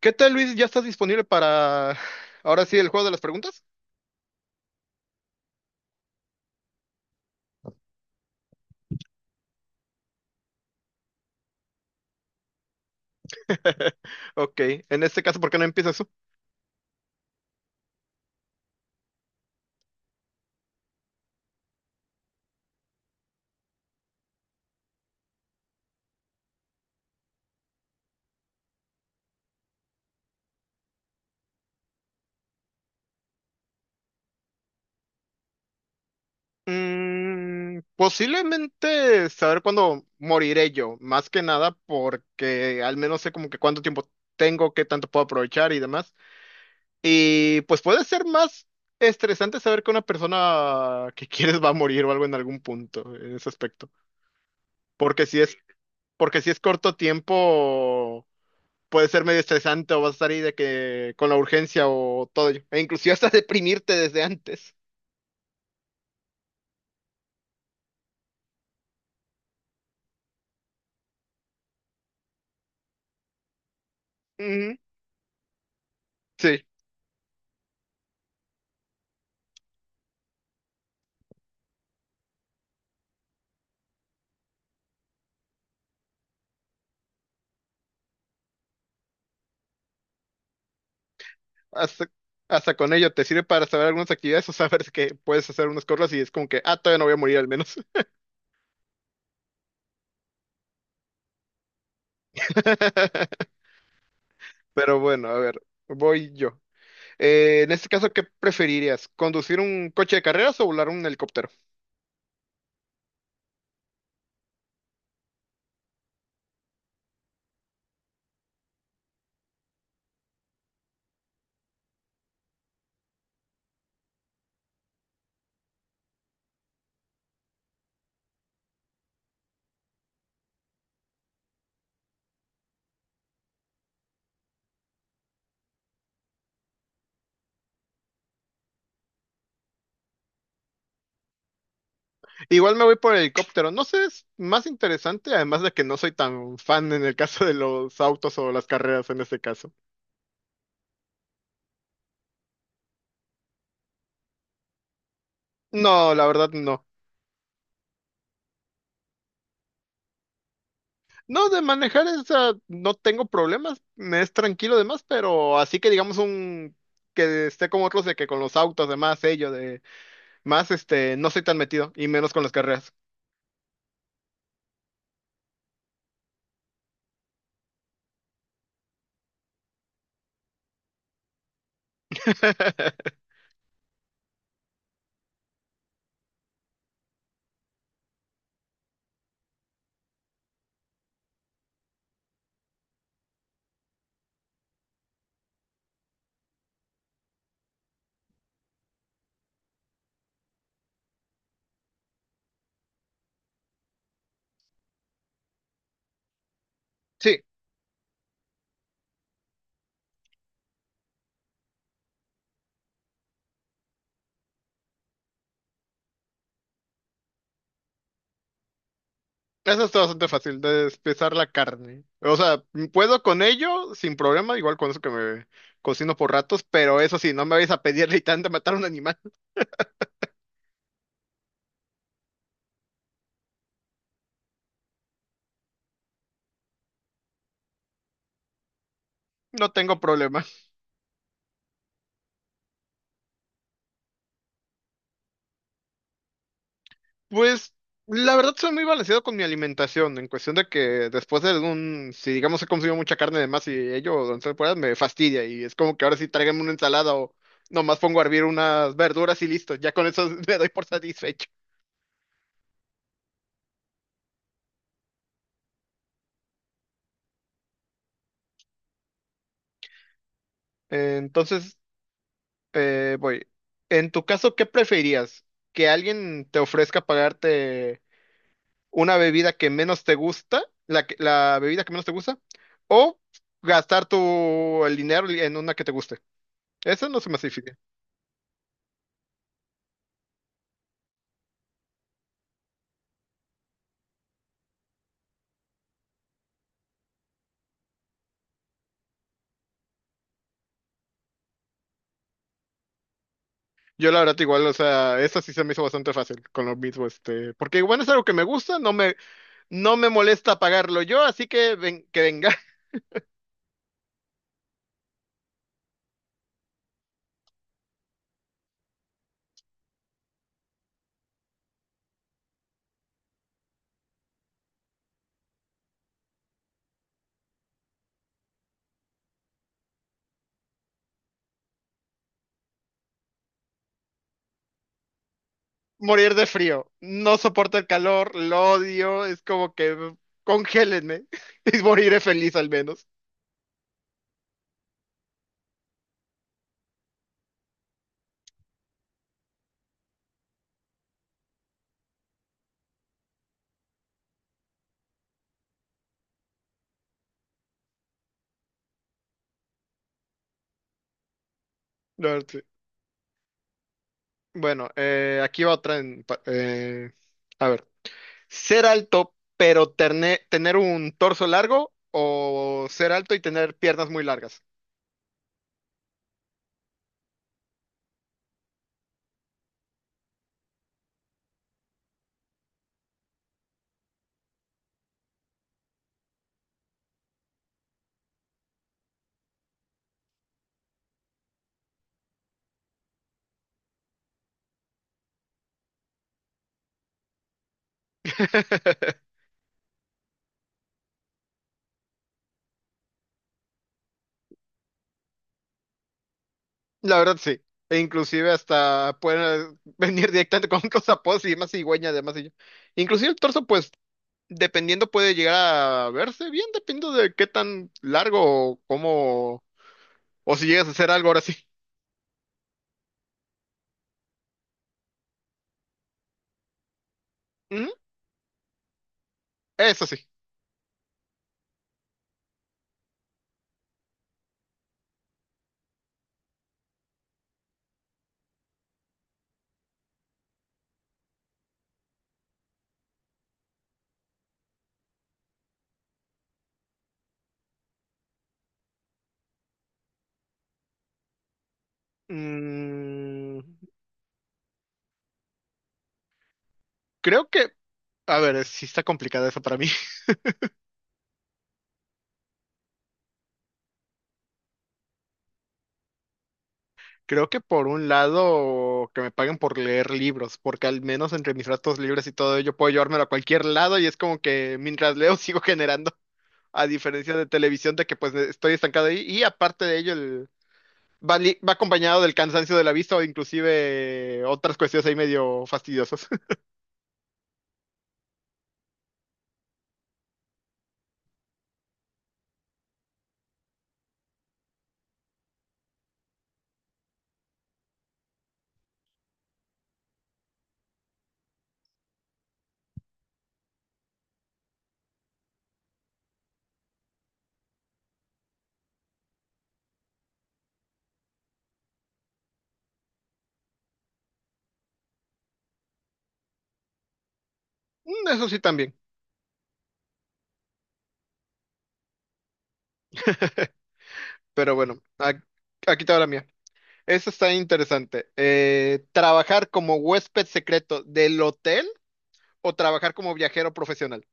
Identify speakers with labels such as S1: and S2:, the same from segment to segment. S1: ¿Qué tal, Luis? ¿Ya estás disponible para ahora sí el juego de las preguntas? Ok, en este caso, ¿por qué no empiezas tú? Posiblemente saber cuándo moriré yo, más que nada porque al menos sé como que cuánto tiempo tengo, qué tanto puedo aprovechar y demás. Y pues puede ser más estresante saber que una persona que quieres va a morir o algo en algún punto, en ese aspecto. Porque si es, porque si es corto tiempo, puede ser medio estresante o vas a estar ahí de que con la urgencia o todo ello. E inclusive hasta deprimirte desde antes. Ujú. Sí, hasta, hasta con ello te sirve para saber algunas actividades o saber que puedes hacer unas cosas y es como que, ah, todavía no voy a morir al menos. Pero bueno, a ver, voy yo. En este caso, ¿qué preferirías? ¿Conducir un coche de carreras o volar un helicóptero? Igual me voy por el helicóptero. No sé, es más interesante, además de que no soy tan fan en el caso de los autos o las carreras en este caso. No, la verdad no. No, de manejar esa no tengo problemas, me es tranquilo demás, pero así que digamos un que esté como otros de que con los autos, de ello de más este, no soy tan metido, y menos con las carreras. Sí, eso está bastante fácil, de despezar la carne. O sea, puedo con ello sin problema, igual con eso que me cocino por ratos, pero eso sí, no me vais a pedir ni tanto matar a un animal, no tengo problema. Pues la verdad soy muy balanceado con mi alimentación, en cuestión de que después de un, si digamos he consumido mucha carne de más y ello durante temporadas me fastidia y es como que ahora sí tráigame una ensalada o nomás pongo a hervir unas verduras y listo, ya con eso me doy por satisfecho. Entonces, voy. En tu caso, ¿qué preferirías? ¿Que alguien te ofrezca pagarte una bebida que menos te gusta, la bebida que menos te gusta, o gastar el dinero en una que te guste? Eso no se me hace difícil. Yo la verdad igual, o sea, esa sí se me hizo bastante fácil con lo mismo, porque bueno, es algo que me gusta, no me molesta pagarlo yo, así que ven, que venga. Morir de frío, no soporto el calor, lo odio, es como que congélenme y moriré feliz al menos. La verdad, sí. Bueno, aquí va otra a ver, ser alto pero terne- tener un torso largo o ser alto y tener piernas muy largas. La verdad sí. E inclusive hasta pueden venir directamente con cosas y más cigüeña además. Y yo. Inclusive el torso, pues, dependiendo puede llegar a verse bien, dependiendo de qué tan largo o cómo, o si llegas a hacer algo ahora sí. Ujú. Eso sí. Mm, creo que, a ver, sí está complicada eso para mí. Creo que por un lado que me paguen por leer libros, porque al menos entre mis ratos libres y todo ello puedo llevármelo a cualquier lado y es como que mientras leo sigo generando, a diferencia de televisión, de que pues estoy estancado ahí. Y aparte de ello, va acompañado del cansancio de la vista o inclusive otras cuestiones ahí medio fastidiosas. Mm. Eso sí también. Pero bueno, aquí te va la mía. Eso está interesante. ¿Trabajar como huésped secreto del hotel o trabajar como viajero profesional?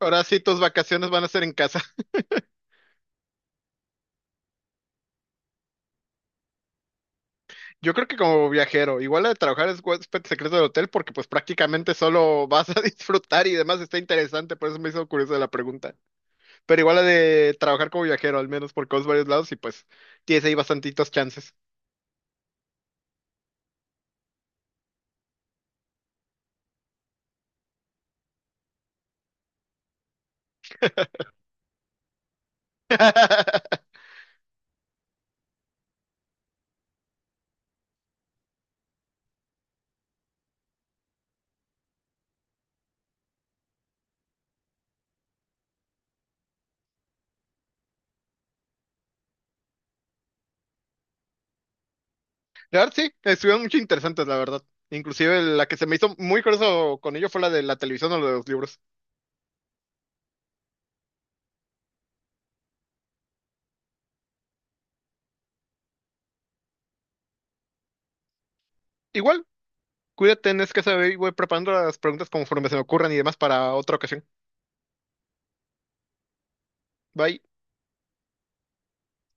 S1: Ahora sí, tus vacaciones van a ser en casa. Yo creo que como viajero, igual la de trabajar es huésped secreto del hotel porque pues prácticamente solo vas a disfrutar y demás está interesante, por eso me hizo curiosa la pregunta. Pero igual la de trabajar como viajero, al menos por vas varios lados y pues tienes ahí bastantitos chances. La verdad, sí, estuvieron mucho interesantes, la verdad. Inclusive la que se me hizo muy curioso con ello fue la de la televisión o la de los libros. Igual, cuídate, es que saber y voy preparando las preguntas conforme se me ocurran y demás para otra ocasión. Bye.